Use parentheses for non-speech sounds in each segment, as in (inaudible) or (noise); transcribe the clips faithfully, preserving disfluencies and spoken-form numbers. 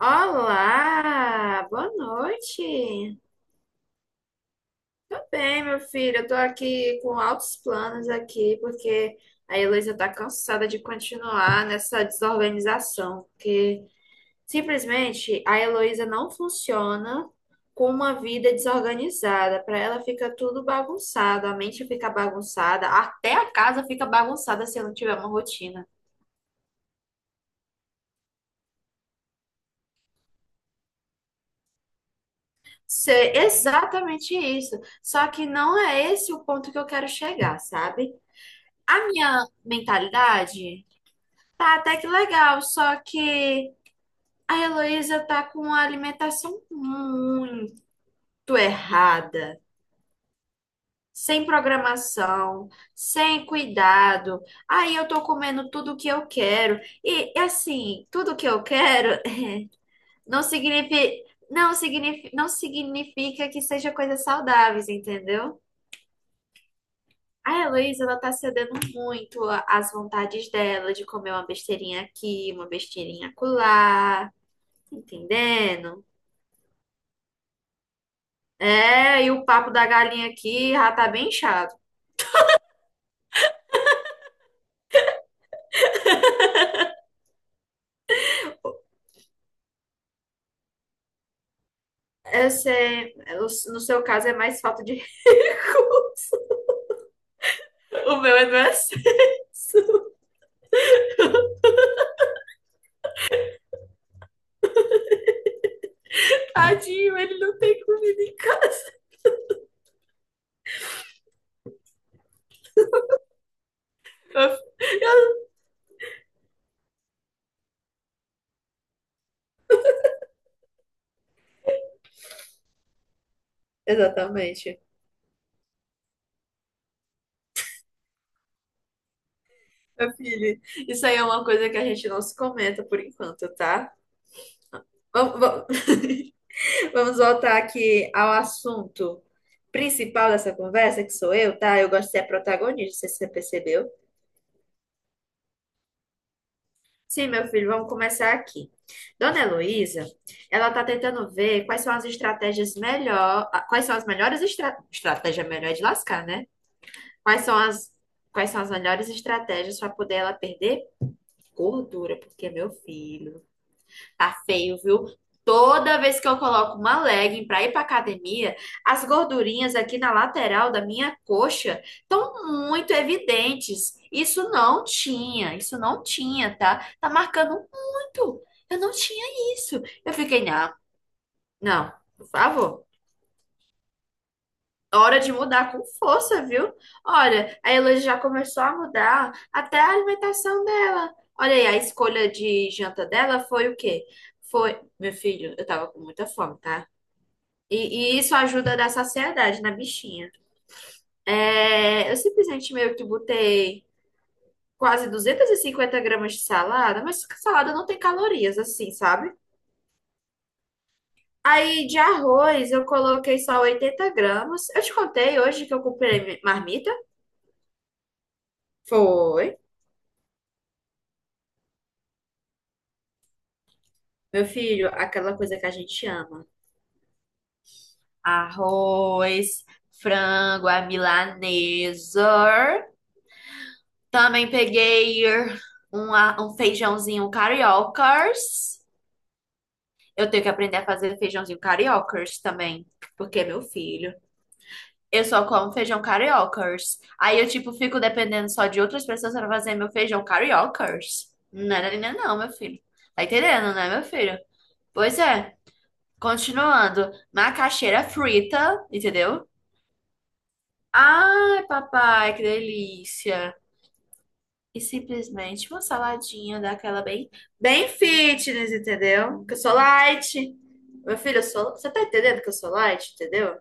Olá, boa noite. Tudo bem, meu filho? Eu tô aqui com altos planos aqui, porque a Heloísa tá cansada de continuar nessa desorganização, porque simplesmente a Heloísa não funciona com uma vida desorganizada. Para ela fica tudo bagunçado, a mente fica bagunçada, até a casa fica bagunçada se não tiver uma rotina. Ser exatamente isso. Só que não é esse o ponto que eu quero chegar, sabe? A minha mentalidade tá até que legal, só que a Heloísa tá com uma alimentação muito errada, sem programação, sem cuidado. Aí eu tô comendo tudo que eu quero. E assim, tudo que eu quero (laughs) não significa, não significa, não significa que seja coisas saudáveis, entendeu? A Heloísa, ela tá cedendo muito a- às vontades dela de comer uma besteirinha aqui, uma besteirinha acolá, tá entendendo? É, e o papo da galinha aqui já tá bem chato. Eu sei, eu- no seu caso é mais falta de (laughs) recursos. O meu é do excesso. (laughs) Tadinho, ele não tem comida em casa. Meu fi- Exatamente. Meu filho, isso aí é uma coisa que a gente não se comenta por enquanto, tá? Vamos, Vamos voltar aqui ao assunto principal dessa conversa, que sou eu, tá? Eu gosto de ser a protagonista, não sei se você percebeu. Sim, meu filho, vamos começar aqui. Dona Heloísa, ela tá tentando ver quais são as estratégias melhor, ah, quais são as melhores estra... estratégia melhor é de lascar, né? Quais são as quais são as melhores estratégias para poder ela perder gordura, porque meu filho, tá feio, viu? Toda vez que eu coloco uma legging pra ir pra academia, as gordurinhas aqui na lateral da minha coxa estão muito evidentes. Isso não tinha, isso não tinha, tá? Tá marcando muito. Eu não tinha isso. Eu fiquei, não, não, por favor. Hora de mudar com força, viu? Olha, a Heloísa já começou a mudar até a alimentação dela. Olha aí, a escolha de janta dela foi o quê? Foi, meu filho, eu tava com muita fome, tá? E, e isso ajuda a dar saciedade na bichinha. É, eu simplesmente meio que botei quase duzentos e cinquenta gramas de salada, mas salada não tem calorias, assim, sabe? Aí de arroz eu coloquei só oitenta gramas. Eu te contei hoje que eu comprei marmita? Foi. Meu filho, aquela coisa que a gente ama. Arroz, frango, a milanesa. Também peguei um, a- um feijãozinho cariocas. Eu tenho que aprender a fazer feijãozinho cariocas também, porque é meu filho. Eu só como feijão cariocas. Aí eu, tipo, fico dependendo só de outras pessoas para fazer meu feijão cariocas. Não, não, não, não, meu filho. Tá entendendo, né, meu filho? Pois é. Continuando, macaxeira frita, entendeu? Ai, papai, que delícia. E simplesmente uma saladinha daquela bem, bem fitness, entendeu? Que eu sou light. Meu filho, eu sou. Você tá entendendo que eu sou light, entendeu?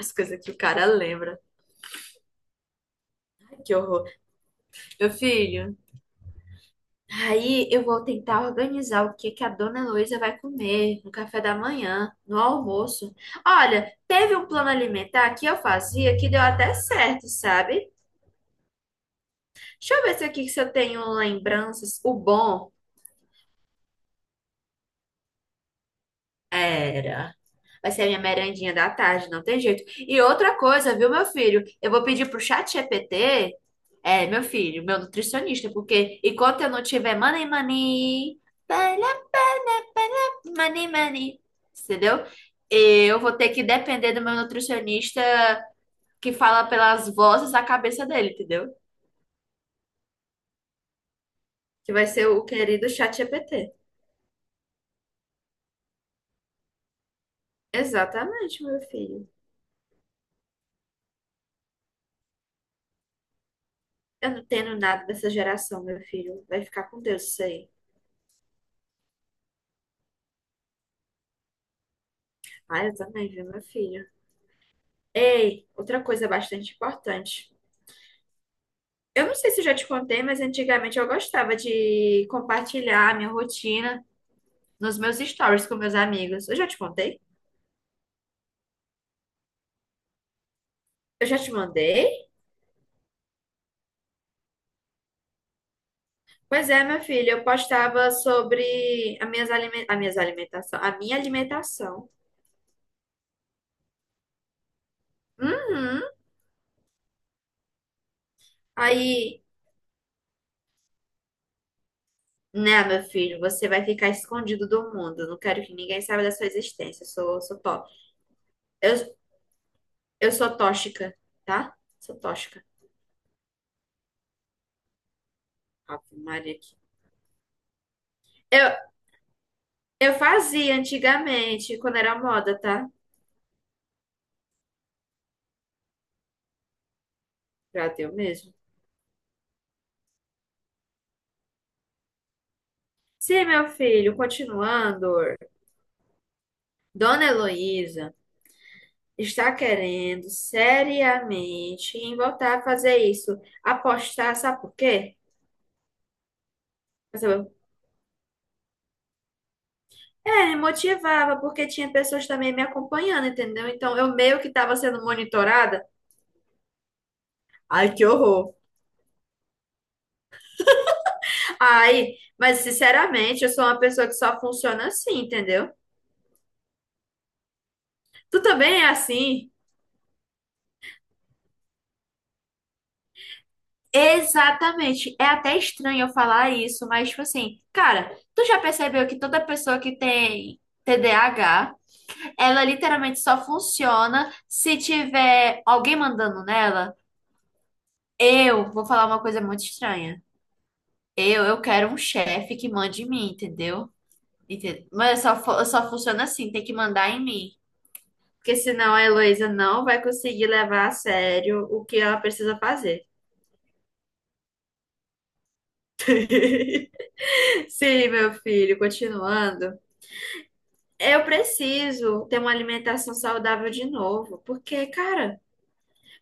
As coisas que o cara lembra. Ai, que horror. Meu filho, aí eu vou tentar organizar o que que a dona Heloísa vai comer no café da manhã, no almoço. Olha, teve um plano alimentar que eu fazia que deu até certo, sabe? Deixa eu ver se aqui se eu tenho lembranças. O bom era. Vai ser a minha merendinha da tarde, não tem jeito. E outra coisa, viu, meu filho? Eu vou pedir pro chat ChatGPT, é, meu filho, meu nutricionista, porque enquanto eu não tiver money, money, para, para, money, money, entendeu? Eu vou ter que depender do meu nutricionista que fala pelas vozes da cabeça dele, entendeu? Que vai ser o querido chat ChatGPT. Exatamente, meu filho. Eu não entendo nada dessa geração, meu filho. Vai ficar com Deus isso aí. Ah, eu também, viu, meu filho? Ei, outra coisa bastante importante. Eu não sei se eu já te contei, mas antigamente eu gostava de compartilhar a minha rotina nos meus stories com meus amigos. Eu já te contei? Eu já te mandei? Pois é, meu filho, eu postava sobre as minhas, alime... as minhas alimentação, a minha alimentação. Uhum. Aí, né, meu filho, você vai ficar escondido do mundo. Não quero que ninguém saiba da sua existência. Eu sou, sou pobre. Eu, eu sou tóxica, tá? Sou tóxica. Ave Maria aqui. Eu, eu fazia antigamente, quando era moda, tá? Pra teu mesmo. Sim, meu filho, continuando, Dona Heloísa está querendo seriamente em voltar a fazer isso. Apostar, sabe por quê? Pra saber- É, me motivava, porque tinha pessoas também me acompanhando, entendeu? Então eu meio que estava sendo monitorada. Ai, que horror! Ai, mas sinceramente, eu sou uma pessoa que só funciona assim, entendeu? Tu também é assim? Exatamente. É até estranho eu falar isso, mas tipo assim, cara, tu já percebeu que toda pessoa que tem T D A H, ela literalmente só funciona se tiver alguém mandando nela? Eu vou falar uma coisa muito estranha. Eu, eu quero um chefe que mande em mim, entendeu? Entende- Mas eu só, fu- eu só funciona assim, tem que mandar em mim. Porque senão a Heloísa não vai conseguir levar a sério o que ela precisa fazer. (laughs) Sim, meu filho, continuando. Eu preciso ter uma alimentação saudável de novo, porque, cara,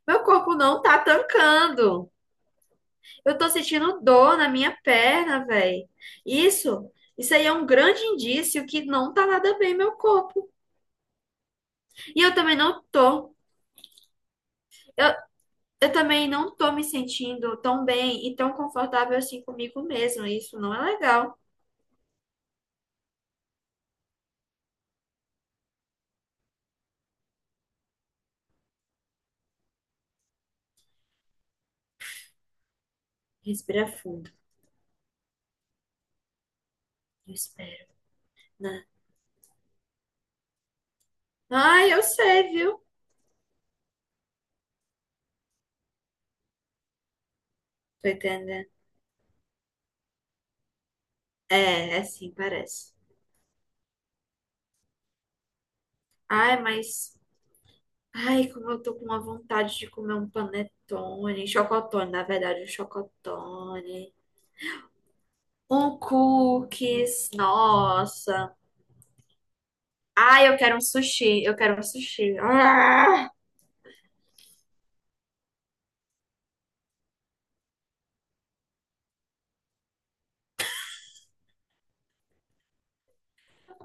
meu corpo não tá tancando. Eu tô sentindo dor na minha perna, velho. Isso, isso aí é um grande indício que não tá nada bem meu corpo. E eu também não tô. Eu, eu também não tô me sentindo tão bem e tão confortável assim comigo mesma. Isso não é legal. Respira fundo. Eu espero. Né? Ai, eu sei, viu? Tô entendendo. É, é assim, parece. Ai, mas. Ai, como eu tô com uma vontade de comer um panetone. Um chocotone, na verdade, um chocotone. Um cookies. Nossa. Ai, eu quero um sushi. Eu quero um sushi. Ah,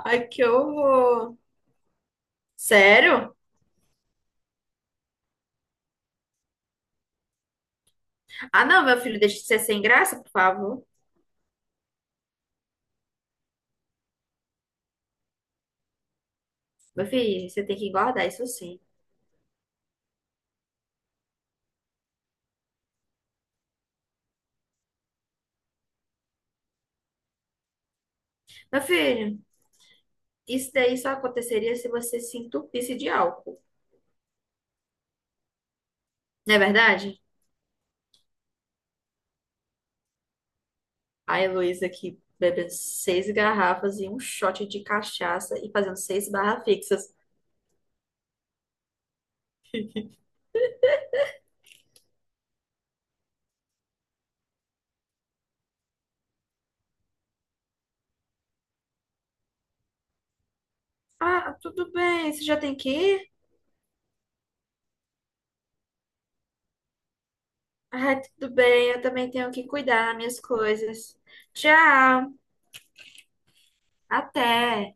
ai, que horror. Sério? Ah, não, meu filho, deixa de ser sem graça, por favor. Meu filho, você tem que engordar, isso sim. Meu filho. Isso daí só aconteceria se você se entupisse de álcool, não é verdade? A Heloísa aqui bebendo seis garrafas e um shot de cachaça e fazendo seis barra fixas. Ah, tudo bem, você já tem que ir? Ah, tudo bem, eu também tenho que cuidar das minhas coisas. Tchau, até.